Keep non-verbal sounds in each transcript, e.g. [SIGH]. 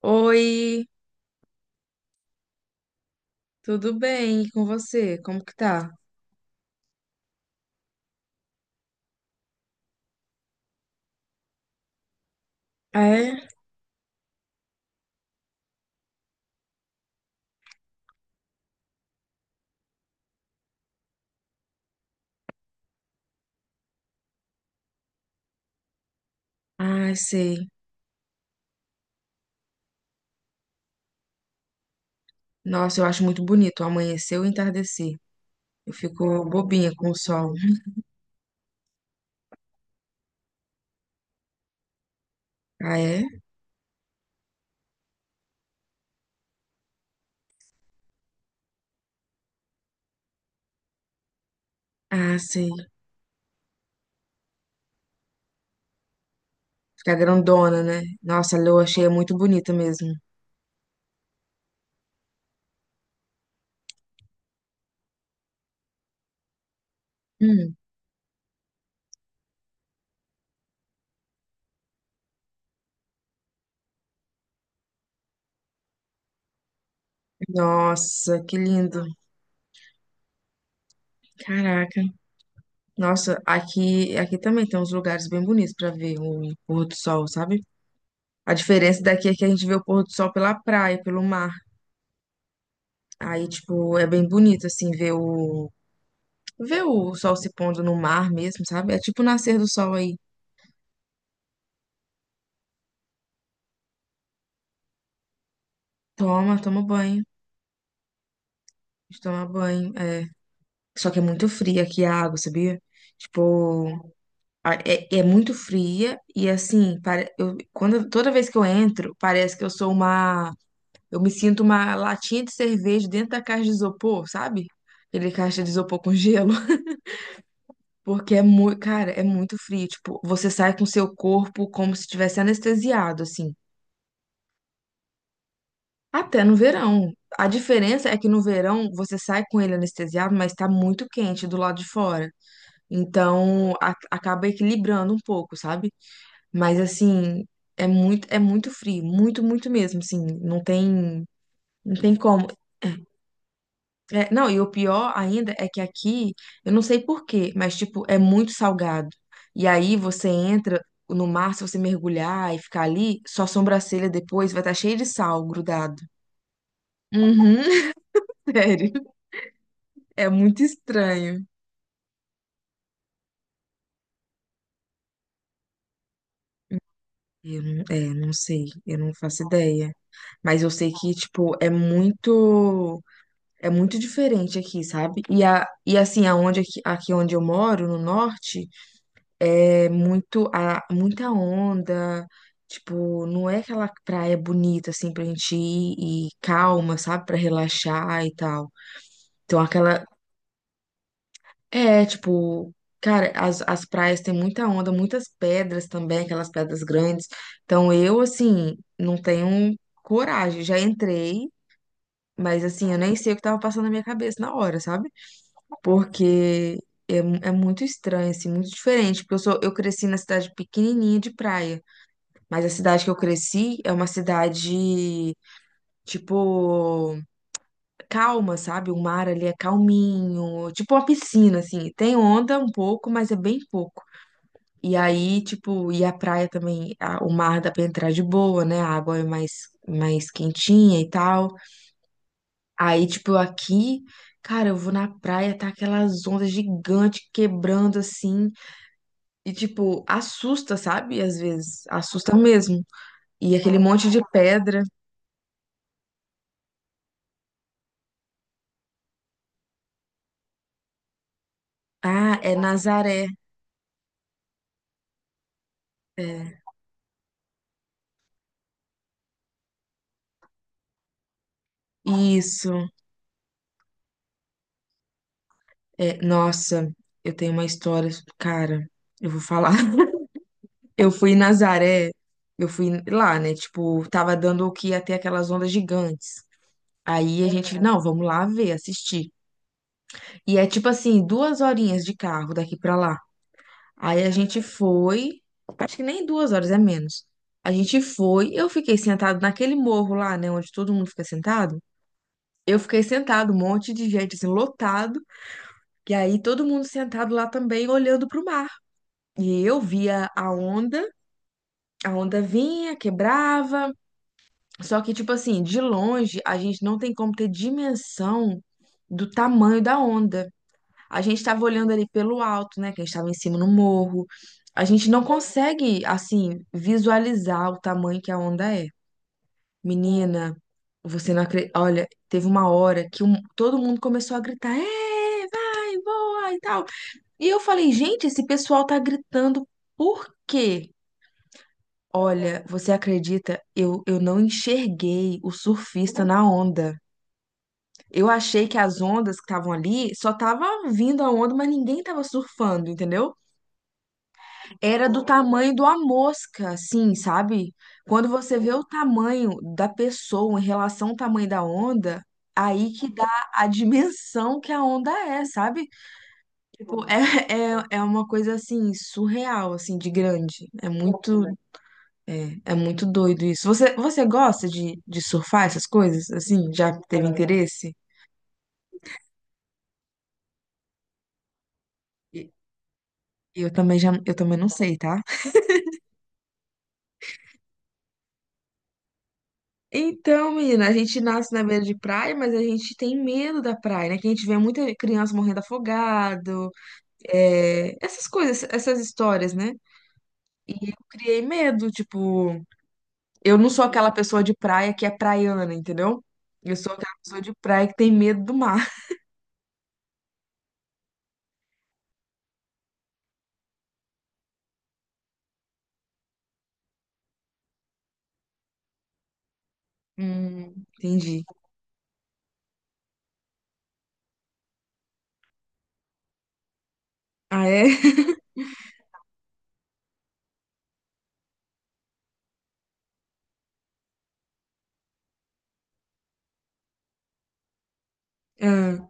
Oi, tudo bem? E com você? Como que tá? Ah, é? Ai, sei. Nossa, eu acho muito bonito o amanhecer e o entardecer. Eu fico bobinha com o sol. Ah, é? Ah, sei. Fica grandona, né? Nossa, a lua cheia é muito bonita mesmo. Hum. Nossa, que lindo. Caraca. Nossa, aqui também tem uns lugares bem bonitos pra ver o pôr do sol, sabe? A diferença daqui é que a gente vê o pôr do sol pela praia, pelo mar. Aí, tipo, é bem bonito, assim, Ver o sol se pondo no mar mesmo, sabe? É tipo o nascer do sol aí. Toma banho. A gente toma banho. É. Só que é muito fria aqui a água, sabia? Tipo, é, é muito fria e assim, toda vez que eu entro, parece que eu sou uma. Eu me sinto uma latinha de cerveja dentro da caixa de isopor, sabe? Aquele caixa de isopor com gelo. [LAUGHS] Porque é muito, cara, é muito frio. Tipo, você sai com seu corpo como se tivesse anestesiado, assim. Até no verão. A diferença é que no verão você sai com ele anestesiado, mas tá muito quente do lado de fora. Então acaba equilibrando um pouco, sabe? Mas assim, é muito frio, muito, muito mesmo, assim, não tem, não tem como. É, não, e o pior ainda é que aqui, eu não sei por quê, mas tipo, é muito salgado. E aí você entra no mar, se você mergulhar e ficar ali, sua sobrancelha depois vai estar cheia de sal grudado. Uhum, [LAUGHS] sério. É muito estranho. Eu não, é, não sei, eu não faço ideia. Mas eu sei que, tipo, é muito diferente aqui, sabe? E assim, aonde aqui, aqui onde eu moro, no norte, é muito, muita onda. Tipo, não é aquela praia bonita, assim, pra gente ir e calma, sabe? Pra relaxar e tal. Então, aquela, é, tipo, cara, as praias têm muita onda, muitas pedras também, aquelas pedras grandes. Então eu, assim, não tenho coragem. Já entrei, mas assim, eu nem sei o que tava passando na minha cabeça na hora, sabe? Porque é, é muito estranho, assim, muito diferente. Porque eu sou, eu cresci na cidade pequenininha de praia, mas a cidade que eu cresci é uma cidade, tipo, calma, sabe? O mar ali é calminho, tipo uma piscina, assim. Tem onda um pouco, mas é bem pouco. E aí, tipo, e a praia também, o mar dá pra entrar de boa, né? A água é mais, mais quentinha e tal. Aí, tipo, aqui, cara, eu vou na praia, tá aquelas ondas gigantes quebrando assim. E, tipo, assusta, sabe? Às vezes, assusta mesmo. E aquele monte de pedra. Ah, é Nazaré. É, isso. É, nossa, eu tenho uma história, cara, eu vou falar. Eu fui em Nazaré, eu fui lá, né? Tipo, tava dando o que ia ter aquelas ondas gigantes. Aí a gente, aham, não, vamos lá ver, assistir. E é tipo assim, duas horinhas de carro daqui pra lá. Aí a gente foi, acho que nem duas horas, é menos. A gente foi, eu fiquei sentado naquele morro lá, né? Onde todo mundo fica sentado. Eu fiquei sentado, um monte de gente, assim, lotado. E aí todo mundo sentado lá também, olhando pro mar. E eu via a onda vinha, quebrava. Só que, tipo assim, de longe, a gente não tem como ter dimensão do tamanho da onda. A gente estava olhando ali pelo alto, né? Que a gente estava em cima no morro. A gente não consegue, assim, visualizar o tamanho que a onda é. Menina, você não acredita. Olha, teve uma hora que todo mundo começou a gritar: é, vai, voa e tal. E eu falei: gente, esse pessoal tá gritando por quê? Olha, você acredita? Eu não enxerguei o surfista na onda. Eu achei que as ondas que estavam ali só tava vindo a onda, mas ninguém tava surfando, entendeu? Era do tamanho de uma mosca, assim, sabe? Quando você vê o tamanho da pessoa em relação ao tamanho da onda, aí que dá a dimensão que a onda é, sabe? Tipo, é uma coisa assim, surreal, assim, de grande. É muito, é, é muito doido isso. Você, você gosta de surfar essas coisas, assim? Já teve interesse? E- Eu também já, eu também não sei, tá? Então, menina, a gente nasce na beira de praia, mas a gente tem medo da praia, né? Que a gente vê muita criança morrendo afogado, é, essas coisas, essas histórias, né? E eu criei medo, tipo, eu não sou aquela pessoa de praia que é praiana, entendeu? Eu sou aquela pessoa de praia que tem medo do mar. [LAUGHS] Hum, entendi. Ah, é? [LAUGHS] Ah,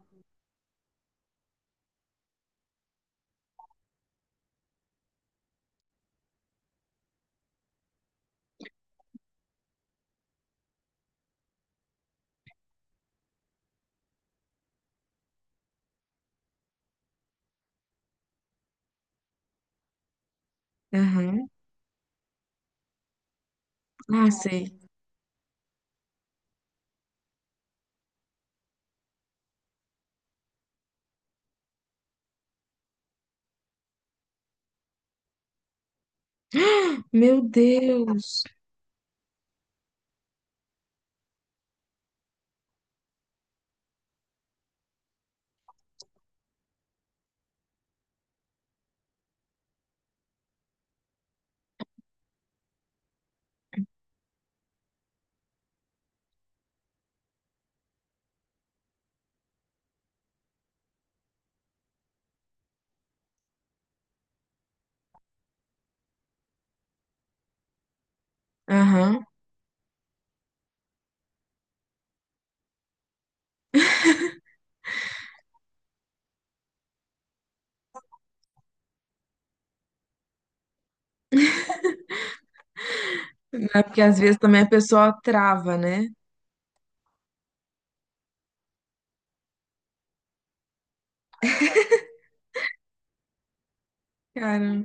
aham. Ah, sei. Meu Deus. Aham. É porque às vezes também a pessoa trava, né? Cara.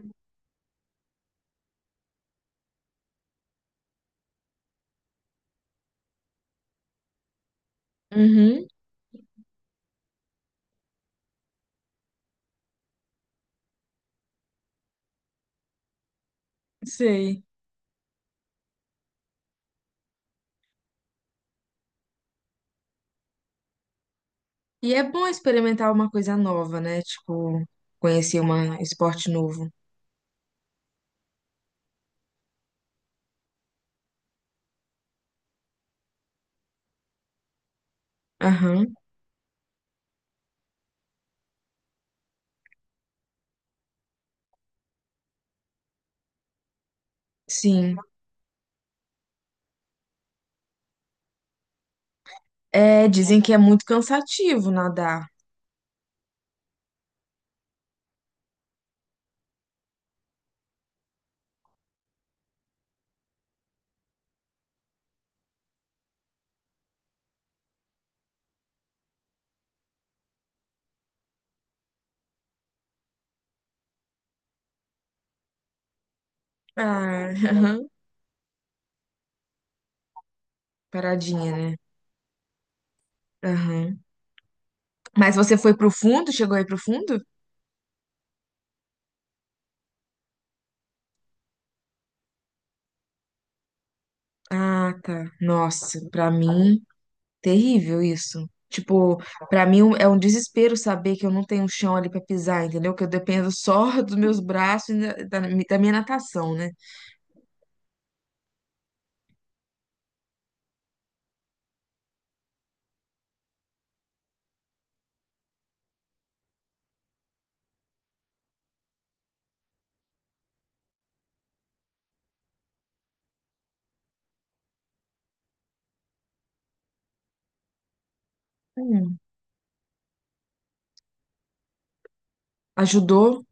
Uhum, sei. E é bom experimentar uma coisa nova, né? Tipo, conhecer um esporte novo. Aham, sim. É, dizem que é muito cansativo nadar. Ah, [LAUGHS] aham. Paradinha, né? Aham. Mas você foi pro fundo? Chegou aí pro fundo? Ah, tá. Nossa, pra mim, terrível isso. Tipo, pra mim um, é um desespero saber que eu não tenho chão ali pra pisar, entendeu? Que eu dependo só [LAUGHS] dos meus braços e da, da minha natação, né? Hum. Ajudou?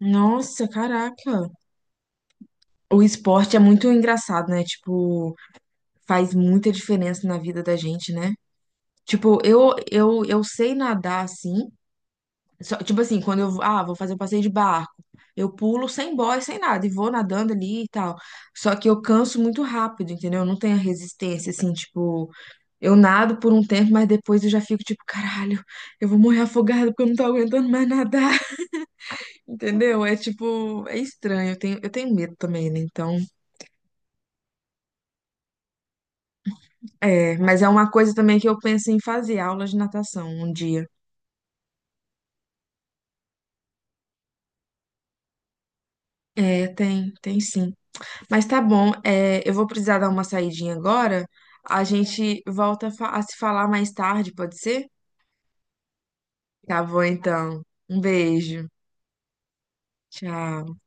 Nossa, caraca. O esporte é muito engraçado, né? Tipo, faz muita diferença na vida da gente, né? Tipo, eu sei nadar assim, tipo assim, quando eu ah, vou fazer um passeio de barco, eu pulo sem boia, sem nada, e vou nadando ali e tal. Só que eu canso muito rápido, entendeu? Eu não tenho a resistência, assim, tipo, eu nado por um tempo, mas depois eu já fico tipo, caralho, eu vou morrer afogada porque eu não tô aguentando mais nadar, [LAUGHS] entendeu? É tipo, é estranho, eu tenho medo também, né? Então. É, mas é uma coisa também que eu penso em fazer, aula de natação um dia. É, tem, tem sim. Mas tá bom, é, eu vou precisar dar uma saidinha agora. A gente volta a se falar mais tarde, pode ser? Tá bom, então. Um beijo. Tchau.